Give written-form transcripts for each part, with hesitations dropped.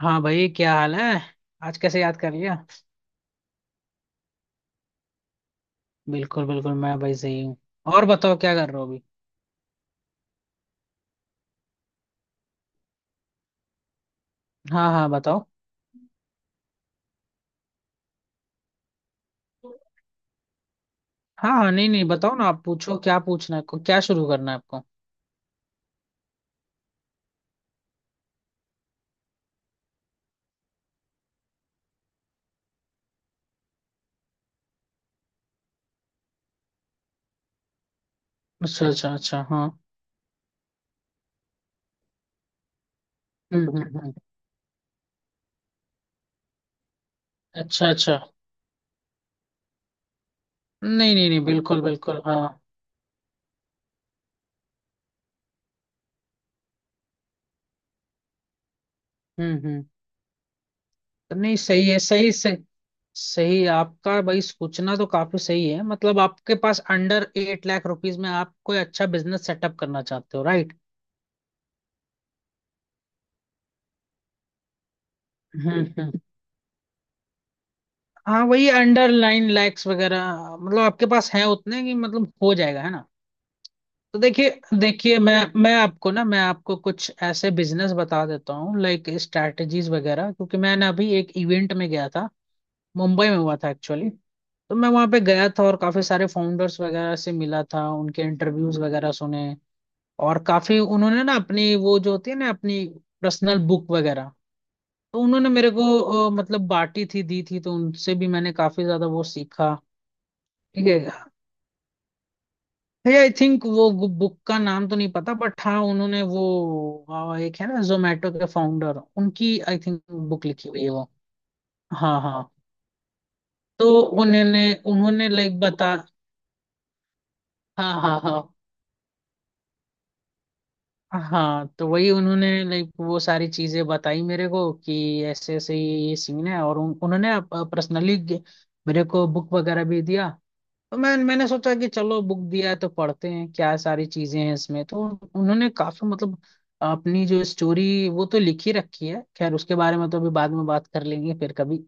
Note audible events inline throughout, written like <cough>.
हाँ भाई, क्या हाल है। आज कैसे याद कर लिया। बिल्कुल बिल्कुल मैं भाई सही हूँ। और बताओ, क्या कर रहे हो अभी। हाँ हाँ, बताओ। हाँ हाँ, नहीं नहीं, बताओ ना। आप पूछो, क्या पूछना है आपको, क्या शुरू करना है आपको। अच्छा अच्छा अच्छा, हाँ। हम्म, हम्म, हम्म। अच्छा अच्छा। नहीं नहीं नहीं, बिल्कुल बिल्कुल, हाँ। हम्म, हम्म। तो नहीं, सही है, सही सही। सही आपका भाई सोचना तो काफी सही है। मतलब आपके पास अंडर एट लाख रुपीज में आप कोई अच्छा बिजनेस सेटअप करना चाहते हो, राइट। हम्म, हम्म। हाँ वही, अंडरलाइन लाइक्स वगैरह। मतलब आपके पास है उतने कि मतलब हो जाएगा, है ना। तो देखिए, देखिए। मैं आपको ना, मैं आपको कुछ ऐसे बिजनेस बता देता हूँ, लाइक स्ट्रैटेजीज वगैरह, क्योंकि मैं ना अभी एक इवेंट में गया था। मुंबई में हुआ था, एक्चुअली। तो मैं वहाँ पे गया था, और काफी सारे फाउंडर्स वगैरह से मिला था, उनके इंटरव्यूज वगैरह सुने। और काफी उन्होंने ना अपनी, वो जो होती है ना, अपनी पर्सनल बुक वगैरह। तो उन्होंने मेरे को मतलब बांटी थी, दी थी। तो उनसे भी मैंने काफी ज्यादा वो सीखा। ठीक है। भैया आई थिंक वो, बुक का नाम तो नहीं पता, बट हाँ उन्होंने वो एक है ना जोमेटो के फाउंडर, उनकी आई थिंक बुक लिखी हुई है वो। हाँ हाँ। तो उन्होंने उन्होंने लाइक बता। हाँ हाँ हाँ। हाँ तो वही उन्होंने लाइक वो सारी चीजें बताई मेरे को कि ऐसे ऐसे ये सीन है। और उन्होंने पर्सनली मेरे को बुक वगैरह भी दिया। तो मैंने सोचा कि चलो बुक दिया है तो पढ़ते हैं क्या सारी चीजें हैं इसमें। तो उन्होंने काफी, मतलब अपनी जो स्टोरी वो तो लिखी रखी है। खैर उसके बारे में तो अभी बाद में बात कर लेंगे, फिर कभी।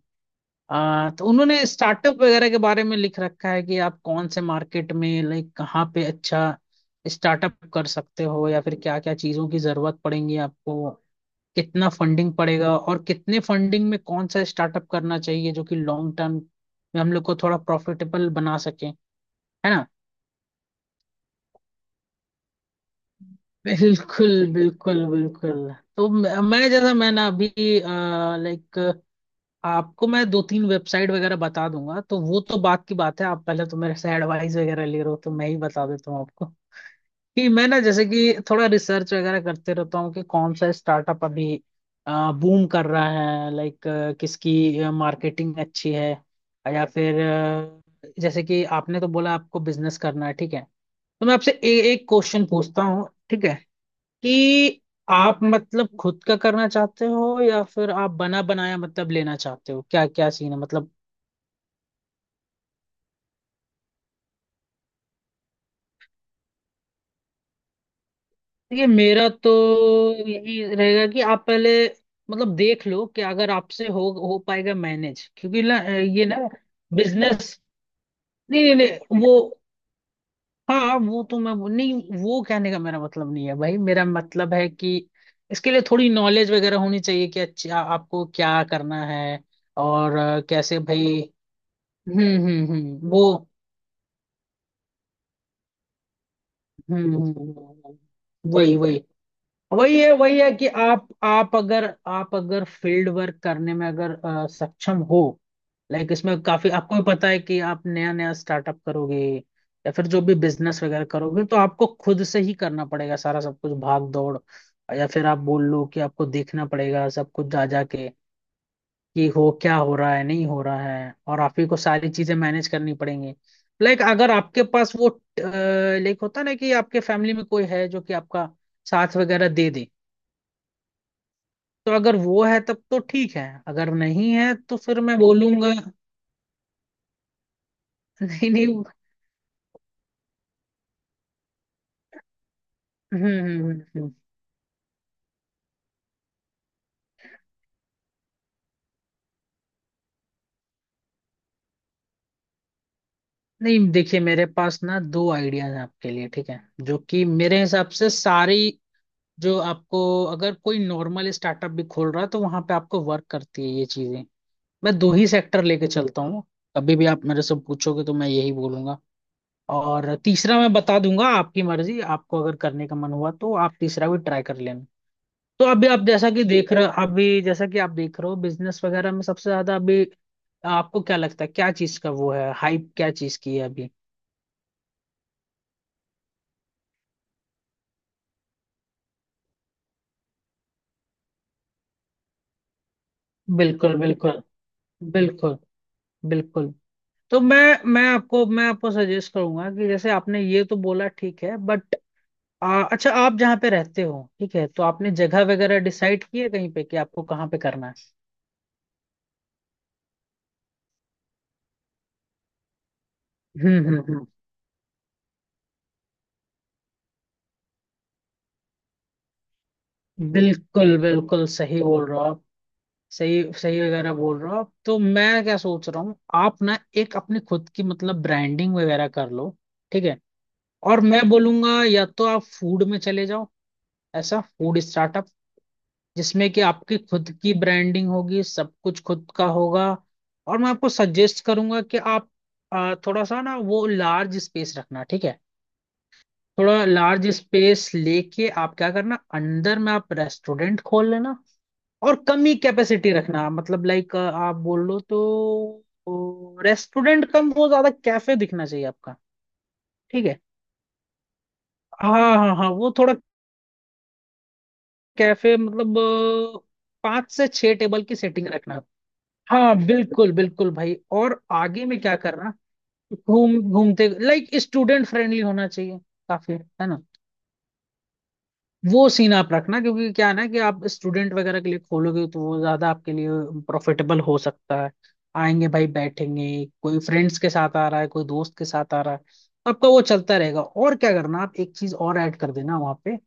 तो उन्होंने स्टार्टअप वगैरह के बारे में लिख रखा है कि आप कौन से मार्केट में लाइक कहाँ पे अच्छा स्टार्टअप कर सकते हो, या फिर क्या क्या चीजों की जरूरत पड़ेगी आपको। कितना फंडिंग पड़ेगा और कितने फंडिंग में कौन सा स्टार्टअप करना चाहिए जो कि लॉन्ग टर्म में हम लोग को थोड़ा प्रॉफिटेबल बना सके, है ना। बिल्कुल बिल्कुल बिल्कुल। तो मैं जैसा, मैं ना अभी लाइक आपको मैं दो तीन वेबसाइट वगैरह बता दूंगा, तो वो तो बात की बात है। आप पहले तो मेरे से एडवाइस वगैरह ले रहे हो, तो मैं ही बता देता हूँ आपको। कि मैं ना जैसे कि थोड़ा रिसर्च वगैरह करते रहता हूँ, कि कौन सा स्टार्टअप अभी बूम कर रहा है, लाइक किसकी मार्केटिंग अच्छी है। या फिर जैसे कि आपने तो बोला आपको बिजनेस करना है, ठीक है। तो मैं आपसे एक क्वेश्चन पूछता हूँ, ठीक है। कि आप मतलब खुद का करना चाहते हो, या फिर आप बना बनाया मतलब लेना चाहते हो, क्या क्या सीन है मतलब। ये मेरा तो यही रहेगा कि आप पहले मतलब देख लो कि अगर आपसे हो पाएगा मैनेज, क्योंकि ना, ये ना, बिजनेस। नहीं नहीं नहीं, वो, हाँ वो तो मैं नहीं, वो कहने का मेरा मतलब नहीं है भाई। मेरा मतलब है कि इसके लिए थोड़ी नॉलेज वगैरह होनी चाहिए कि अच्छा, आपको क्या करना है। और कैसे भाई। हम्म, हम्म, हम्म, वो, हम्म, हम्म। वही वही, वही है, वही है कि आप अगर आप अगर फील्ड वर्क करने में अगर सक्षम हो। लाइक इसमें काफी आपको भी पता है कि आप नया नया स्टार्टअप करोगे, या फिर जो भी बिजनेस वगैरह करोगे, तो आपको खुद से ही करना पड़ेगा, सारा सब कुछ, भाग दौड़। या फिर आप बोल लो कि आपको देखना पड़ेगा सब कुछ जा जा के, कि हो क्या, हो रहा है नहीं हो रहा है, और आप ही को सारी चीजें मैनेज करनी पड़ेंगी। लाइक अगर आपके पास वो, लाइक होता है ना कि आपके फैमिली में कोई है जो कि आपका साथ वगैरह दे दे, तो अगर वो है तब तो ठीक है, अगर नहीं है तो फिर मैं बोलूंगा। <laughs> नहीं नहीं, हम्म, हम्म, हम्म, हम्म। नहीं देखिए, मेरे पास ना दो आइडियाज हैं आपके लिए, ठीक है। जो कि मेरे हिसाब से सारी, जो आपको, अगर कोई नॉर्मल स्टार्टअप भी खोल रहा है तो वहां पे आपको वर्क करती है ये चीजें। मैं दो ही सेक्टर लेके चलता हूँ। कभी भी आप मेरे से पूछोगे तो मैं यही बोलूंगा। और तीसरा मैं बता दूंगा, आपकी मर्जी, आपको अगर करने का मन हुआ तो आप तीसरा भी ट्राई कर लेना। तो अभी आप जैसा कि देख रहे, अभी जैसा कि आप देख रहे हो, बिजनेस वगैरह में सबसे ज्यादा अभी आपको क्या लगता है क्या चीज का वो है हाइप, क्या चीज की है अभी। बिल्कुल बिल्कुल, बिल्कुल बिल्कुल। तो मैं आपको सजेस्ट करूंगा कि जैसे आपने ये तो बोला, ठीक है, बट अच्छा, आप जहाँ पे रहते हो, ठीक है, तो आपने जगह वगैरह डिसाइड की है कहीं पे कि आपको कहाँ पे करना है। हम्म, हम्म, बिल्कुल बिल्कुल सही बोल रहे हो आप। सही सही वगैरह बोल रहे हो आप। तो मैं क्या सोच रहा हूँ, आप ना एक अपनी खुद की मतलब ब्रांडिंग वगैरह कर लो, ठीक है। और मैं बोलूंगा या तो आप फूड में चले जाओ, ऐसा फूड स्टार्टअप जिसमें कि आपकी खुद की ब्रांडिंग होगी, सब कुछ खुद का होगा। और मैं आपको सजेस्ट करूंगा कि आप थोड़ा सा ना वो लार्ज स्पेस रखना, ठीक है। थोड़ा लार्ज स्पेस लेके आप क्या करना, अंदर में आप रेस्टोरेंट खोल लेना। और कम ही कैपेसिटी रखना, मतलब लाइक आप बोल लो तो, रेस्टोरेंट कम वो ज्यादा कैफे दिखना चाहिए आपका, ठीक है। हाँ हाँ हाँ, वो थोड़ा कैफे मतलब पाँच से छह टेबल की सेटिंग रखना। हाँ बिल्कुल बिल्कुल भाई। और आगे में क्या करना, घूम घूमते लाइक स्टूडेंट फ्रेंडली होना चाहिए काफी, है ना। वो सीन आप रखना, क्योंकि क्या है ना कि आप स्टूडेंट वगैरह के लिए खोलोगे तो वो ज्यादा आपके लिए प्रॉफिटेबल हो सकता है। आएंगे भाई, बैठेंगे। कोई फ्रेंड्स के साथ आ रहा है, कोई दोस्त के साथ आ रहा है। आपका वो चलता रहेगा, और क्या करना, आप एक चीज और ऐड कर देना वहाँ पे।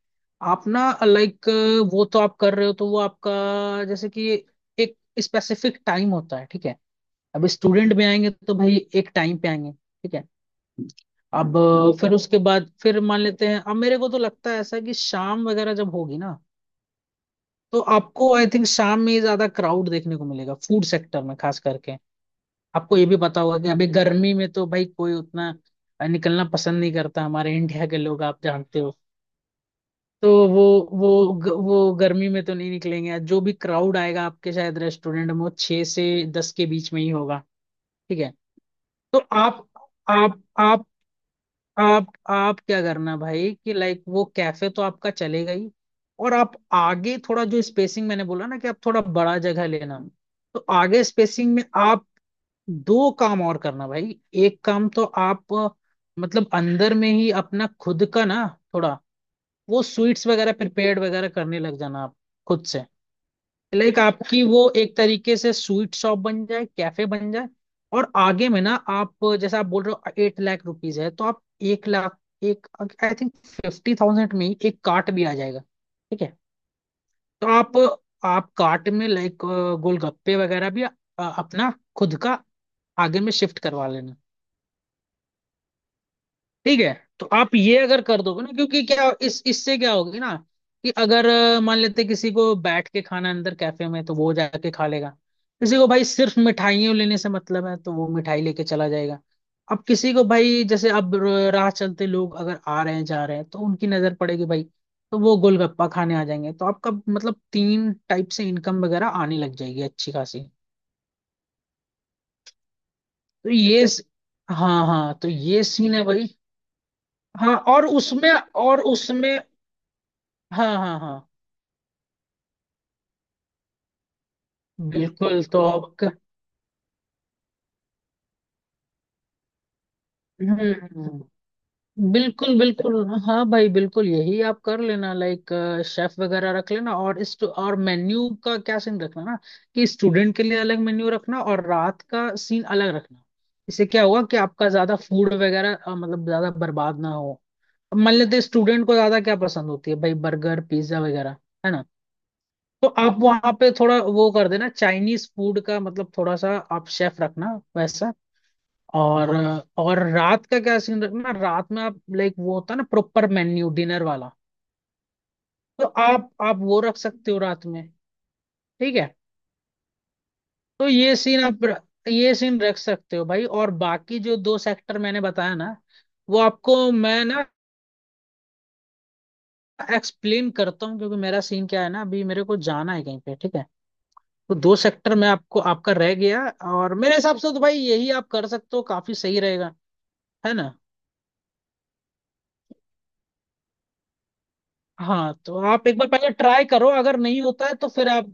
आप ना लाइक, वो तो आप कर रहे हो, तो वो आपका, जैसे कि एक स्पेसिफिक टाइम होता है, ठीक है। अब स्टूडेंट में आएंगे तो भाई एक टाइम पे आएंगे, ठीक है। अब फिर उसके बाद, फिर मान लेते हैं अब मेरे को तो लगता है ऐसा कि शाम वगैरह जब होगी ना, तो आपको आई थिंक शाम में ही ज्यादा क्राउड देखने को मिलेगा फूड सेक्टर में, खास करके। आपको ये भी पता होगा कि अभी गर्मी में तो भाई कोई उतना निकलना पसंद नहीं करता, हमारे इंडिया के लोग, आप जानते हो। तो वो वो गर्मी में तो नहीं निकलेंगे। जो भी क्राउड आएगा आपके शायद रेस्टोरेंट में वो 6 से 10 के बीच में ही होगा, ठीक है। तो आप आप आप क्या करना भाई कि लाइक वो कैफे तो आपका चलेगा ही। और आप आगे थोड़ा जो स्पेसिंग मैंने बोला ना, कि आप थोड़ा बड़ा जगह लेना। तो आगे स्पेसिंग में आप दो काम और करना भाई। एक काम तो आप मतलब अंदर में ही अपना खुद का ना थोड़ा वो स्वीट्स वगैरह प्रिपेयर्ड वगैरह करने लग जाना आप खुद से। लाइक आपकी वो एक तरीके से स्वीट शॉप बन जाए, कैफे बन जाए। और आगे में ना आप, जैसे आप बोल रहे हो 8 लाख रुपीज है, तो आप एक लाख, एक, आई थिंक 50,000 में ही एक कार्ट भी आ जाएगा, ठीक है। तो आप कार्ट में लाइक गोलगप्पे वगैरह भी अपना खुद का आगे में शिफ्ट करवा लेना, ठीक है। तो आप ये अगर कर दोगे ना, क्योंकि क्या इस इससे क्या होगी ना, कि अगर मान लेते किसी को बैठ के खाना है अंदर कैफे में तो वो जाके खा लेगा। किसी को भाई सिर्फ मिठाइयों लेने से मतलब है तो वो मिठाई लेके चला जाएगा। अब किसी को भाई, जैसे अब राह चलते लोग अगर आ रहे हैं जा रहे हैं तो उनकी नजर पड़ेगी भाई। तो वो गोलगप्पा खाने आ जाएंगे, तो आपका मतलब तीन टाइप से इनकम वगैरह आने लग जाएगी अच्छी खासी। तो ये स- हाँ हाँ, तो ये सीन है भाई। हाँ और उसमें। हाँ हाँ हाँ, बिल्कुल। तो आप हम्म, बिल्कुल बिल्कुल। हाँ भाई बिल्कुल, यही आप कर लेना, लाइक शेफ वगैरह रख लेना। और मेन्यू का क्या सीन रखना ना, कि स्टूडेंट के लिए अलग मेन्यू रखना, और रात का सीन अलग रखना। इससे क्या होगा कि आपका ज्यादा फूड वगैरह मतलब ज्यादा बर्बाद ना हो। अब मान लेते स्टूडेंट को ज्यादा क्या पसंद होती है भाई, बर्गर पिज्जा वगैरह, है ना। तो आप वहां पे थोड़ा वो कर देना चाइनीज फूड का, मतलब थोड़ा सा आप शेफ रखना वैसा। और और रात का क्या सीन रखना, रात में आप लाइक, वो होता है ना प्रॉपर मेन्यू डिनर वाला। तो आप वो रख सकते हो रात में, ठीक है। तो ये सीन आप र- ये सीन रख सकते हो भाई। और बाकी जो दो सेक्टर मैंने बताया ना, वो आपको मैं ना एक्सप्लेन करता हूँ, क्योंकि मेरा सीन क्या है ना, अभी मेरे को जाना है कहीं पे, ठीक है। तो दो सेक्टर में आपको, आपका रह गया। और मेरे हिसाब से तो भाई यही आप कर सकते हो, काफी सही रहेगा, है ना। हाँ, तो आप एक बार पहले ट्राई करो, अगर नहीं होता है तो फिर आप।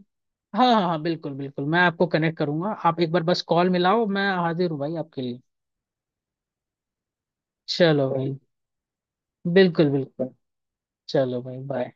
हाँ हाँ हाँ, बिल्कुल बिल्कुल, मैं आपको कनेक्ट करूंगा, आप एक बार बस कॉल मिलाओ, मैं हाजिर हूँ भाई आपके लिए। चलो भाई, बिल्कुल बिल्कुल। चलो भाई, बाय।